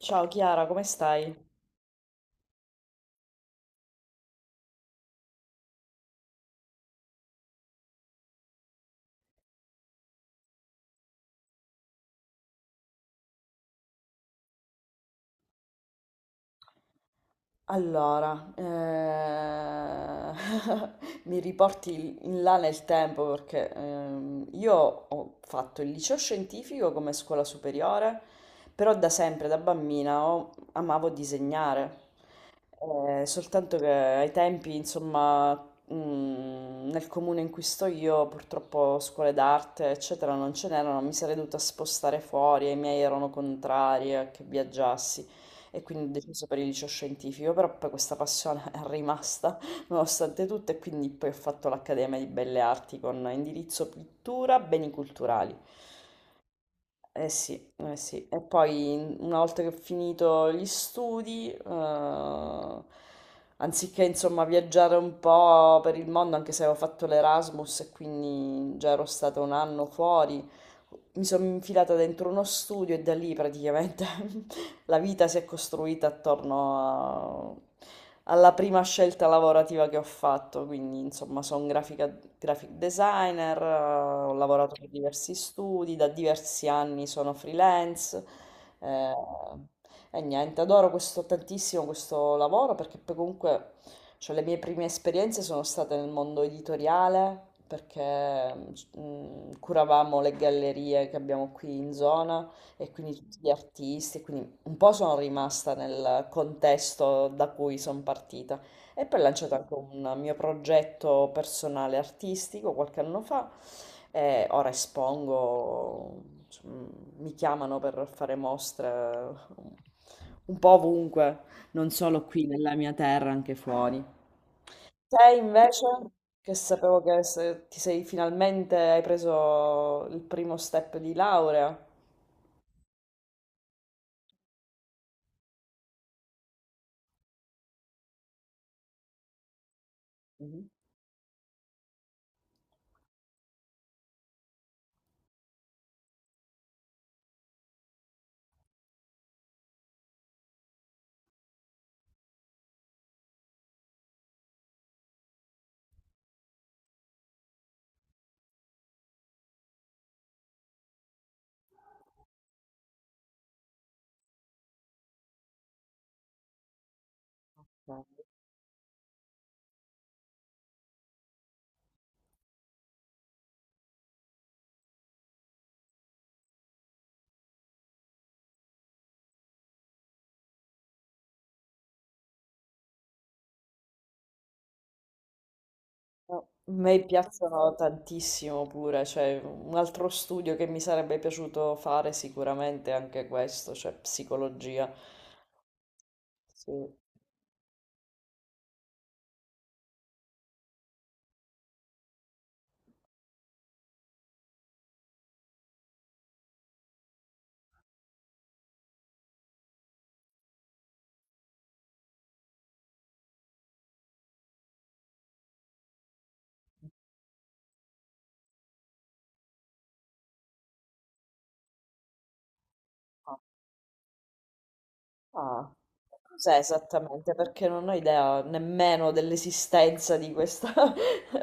Ciao Chiara, come stai? Allora, mi riporti in là nel tempo perché io ho fatto il liceo scientifico come scuola superiore, però da sempre, da bambina, amavo disegnare. Soltanto che ai tempi, insomma, nel comune in cui sto io, purtroppo scuole d'arte, eccetera, non ce n'erano, mi sarei dovuta spostare fuori, e i miei erano contrari a che viaggiassi. E quindi ho deciso per il liceo scientifico, però poi questa passione è rimasta nonostante tutto e quindi poi ho fatto l'Accademia di Belle Arti con indirizzo pittura, beni culturali. Eh sì, eh sì. E poi una volta che ho finito gli studi, anziché insomma viaggiare un po' per il mondo, anche se avevo fatto l'Erasmus e quindi già ero stata un anno fuori, mi sono infilata dentro uno studio e da lì praticamente la vita si è costruita alla prima scelta lavorativa che ho fatto, quindi insomma sono graphic designer, ho lavorato per diversi studi, da diversi anni sono freelance eh, e niente, adoro questo, tantissimo questo lavoro perché poi comunque cioè, le mie prime esperienze sono state nel mondo editoriale perché curavamo le gallerie che abbiamo qui in zona e quindi tutti gli artisti, quindi un po' sono rimasta nel contesto da cui sono partita. E poi ho lanciato anche un mio progetto personale artistico qualche anno fa, e ora espongo, insomma, mi chiamano per fare mostre un po' ovunque, non solo qui nella mia terra, anche fuori. Te invece, che sapevo che se- ti sei finalmente hai preso il primo step di laurea. Mhm. No, a me piacciono tantissimo pure, cioè un altro studio che mi sarebbe piaciuto fare sicuramente è anche questo, cioè psicologia. Sì. Ah, ah. Cos'è esattamente? Perché non ho idea nemmeno dell'esistenza di questa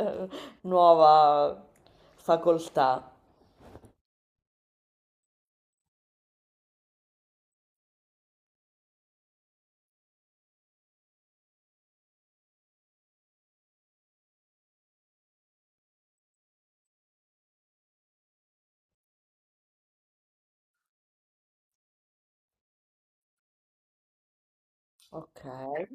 nuova facoltà. Ok, ok,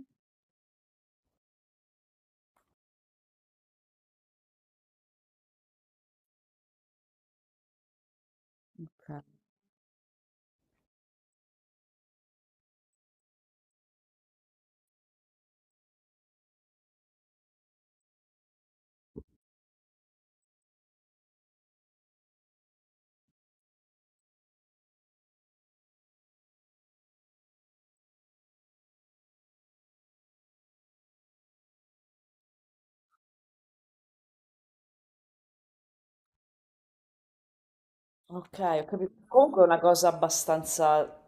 ok, ho capito. Comunque è una cosa abbastanza.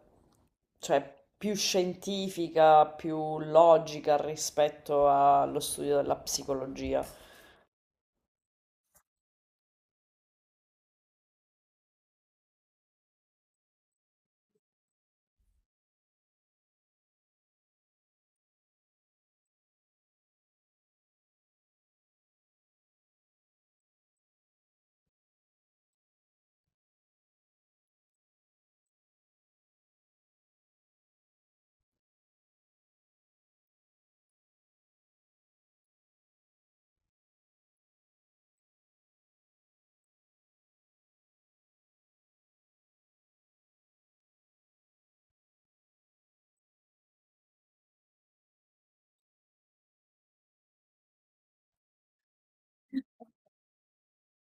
Cioè più scientifica, più logica rispetto allo studio della psicologia.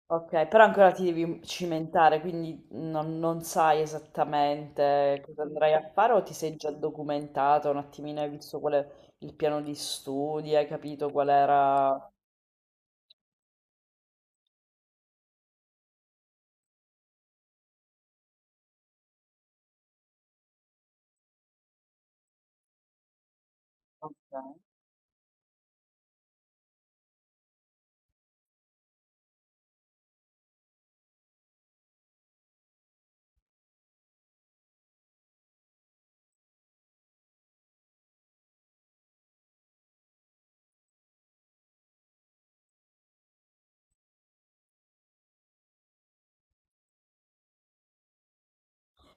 Ok, però ancora ti devi cimentare, quindi non sai esattamente cosa andrai a fare o ti sei già documentato un attimino, hai visto qual è il piano di studi, hai capito qual era. Ok.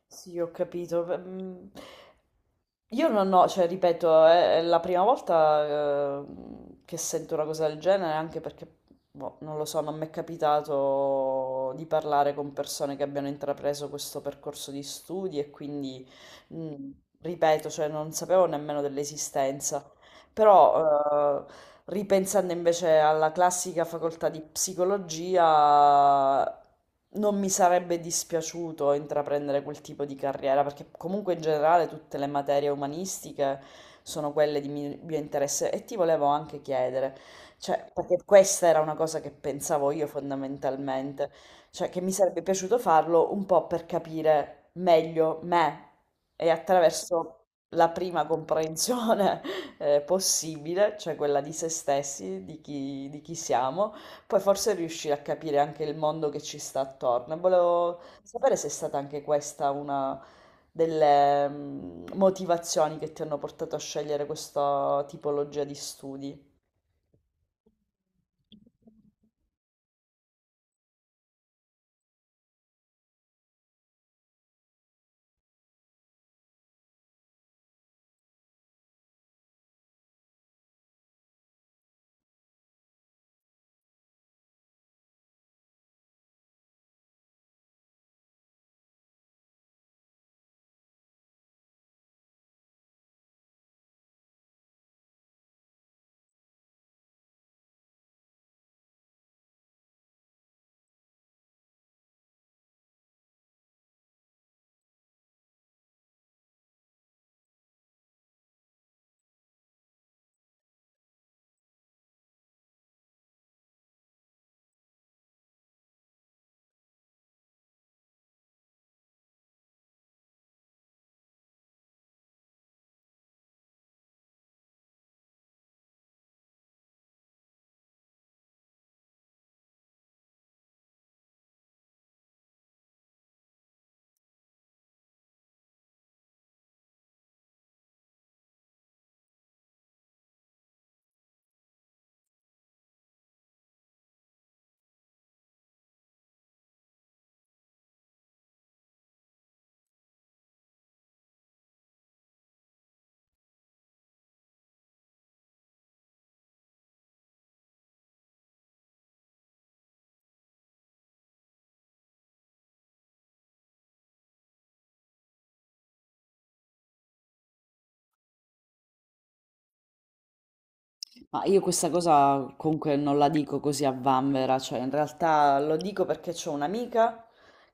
Sì, ho capito. Io non ho, cioè, ripeto, è la prima volta, eh, che sento una cosa del genere, anche perché, boh, non lo so, non mi è capitato di parlare con persone che abbiano intrapreso questo percorso di studi e quindi, mm, ripeto, cioè, non sapevo nemmeno dell'esistenza. Però, ripensando invece alla classica facoltà di psicologia, non mi sarebbe dispiaciuto intraprendere quel tipo di carriera, perché comunque in generale tutte le materie umanistiche sono quelle di mio interesse e ti volevo anche chiedere, cioè, perché questa era una cosa che pensavo io fondamentalmente, cioè che mi sarebbe piaciuto farlo un po' per capire meglio me e attraverso la prima comprensione possibile, cioè quella di se stessi, di chi siamo, poi forse riuscire a capire anche il mondo che ci sta attorno. E volevo sapere se è stata anche questa una delle motivazioni che ti hanno portato a scegliere questa tipologia di studi. Ma io questa cosa comunque non la dico così a vanvera, cioè in realtà lo dico perché c'ho un'amica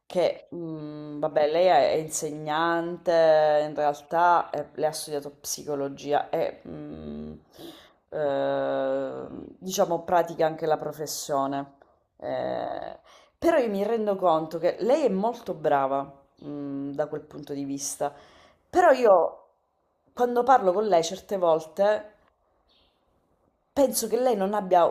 che, vabbè, lei è insegnante, in realtà lei ha studiato psicologia e, eh, diciamo, pratica anche la professione. Eh, Però io mi rendo conto che lei è molto brava, da quel punto di vista, però io quando parlo con lei certe volte. Penso che lei non abbia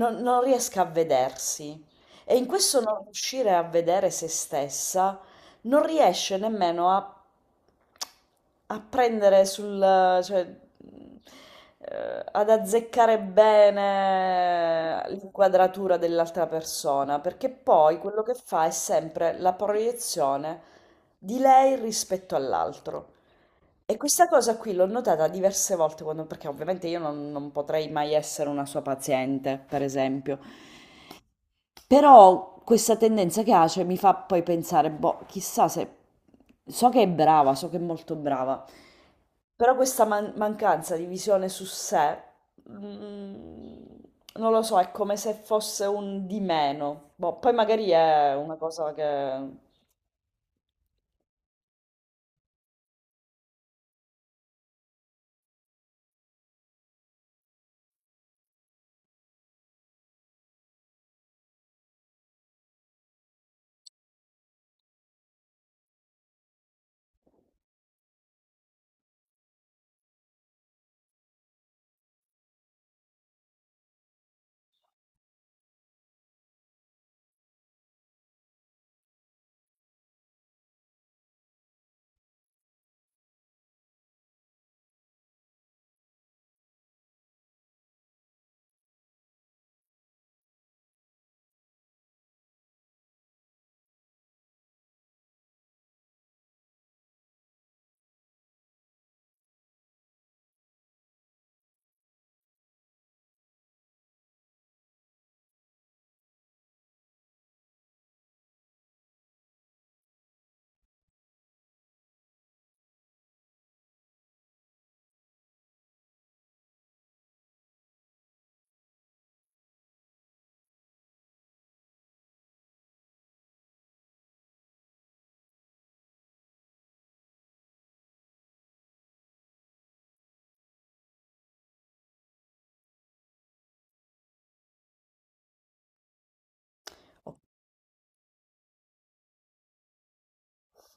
non riesca a vedersi e in questo non riuscire a vedere se stessa, non riesce nemmeno a prendere sul cioè, mhmm, ad azzeccare bene l'inquadratura dell'altra persona, perché poi quello che fa è sempre la proiezione di lei rispetto all'altro. E questa cosa qui l'ho notata diverse volte, quando- perché ovviamente io non potrei mai essere una sua paziente, per esempio. Però questa tendenza che ha, cioè, mi fa poi pensare, boh, chissà se. So che è brava, so che è molto brava, però questa mancanza di visione su sé, mm, non lo so, è come se fosse un di meno. Boh, poi magari è una cosa che.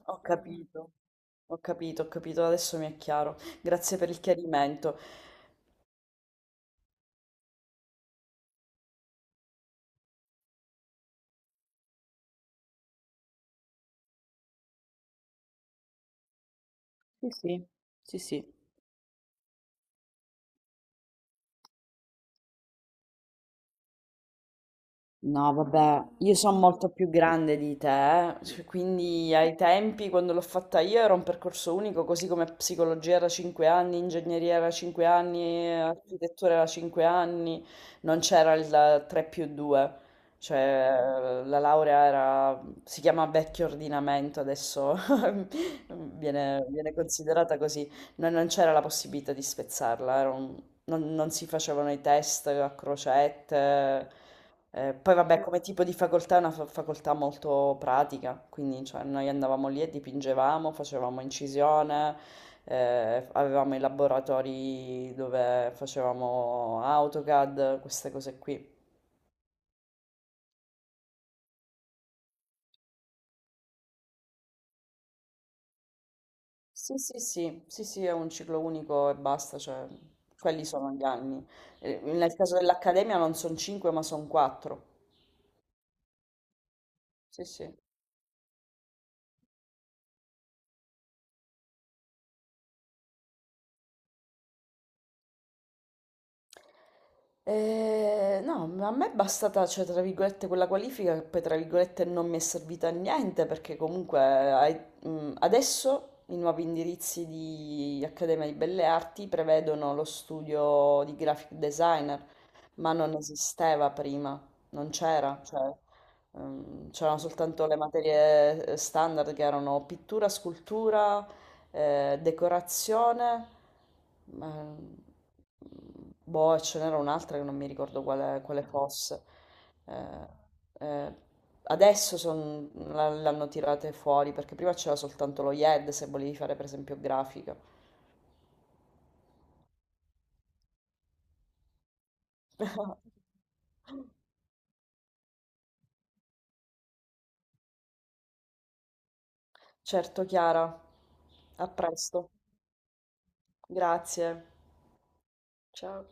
Ho capito, ho capito, ho capito, adesso mi è chiaro. Grazie per il chiarimento. Sì, sì, sì, sì. No, vabbè, io sono molto più grande di te, eh. Cioè, quindi ai tempi quando l'ho fatta io era un percorso unico, così come psicologia era 5 anni, ingegneria era 5 anni, architettura era 5 anni, non c'era il 3 più 2, cioè la laurea era, si chiama vecchio ordinamento, adesso viene considerata così, non c'era la possibilità di spezzarla, era un non non si facevano i test a crocette, poi vabbè come tipo di facoltà è una fa facoltà molto pratica, quindi cioè noi andavamo lì e dipingevamo, facevamo incisione, avevamo i laboratori dove facevamo AutoCAD, queste cose qui. Sì, sì, sì, sì, sì, è un ciclo unico e basta, cioè quelli sono gli anni. Nel caso dell'Accademia non sono 5 ma sono 4. Sì, sì. No, ma a me è bastata, cioè, tra virgolette, quella qualifica che poi, tra virgolette, non mi è servita a niente perché comunque adesso i nuovi indirizzi di Accademia di Belle Arti prevedono lo studio di graphic designer, ma non esisteva prima, non c'era, cioè, c'erano soltanto le materie standard che erano pittura, scultura, decorazione, ma- mm, boh, ce n'era un'altra che non mi ricordo quale fosse. Eh, eh, Adesso l'hanno tirate fuori perché prima c'era soltanto lo YED se volevi fare per esempio grafica. Certo, Chiara, a presto. Grazie. Ciao.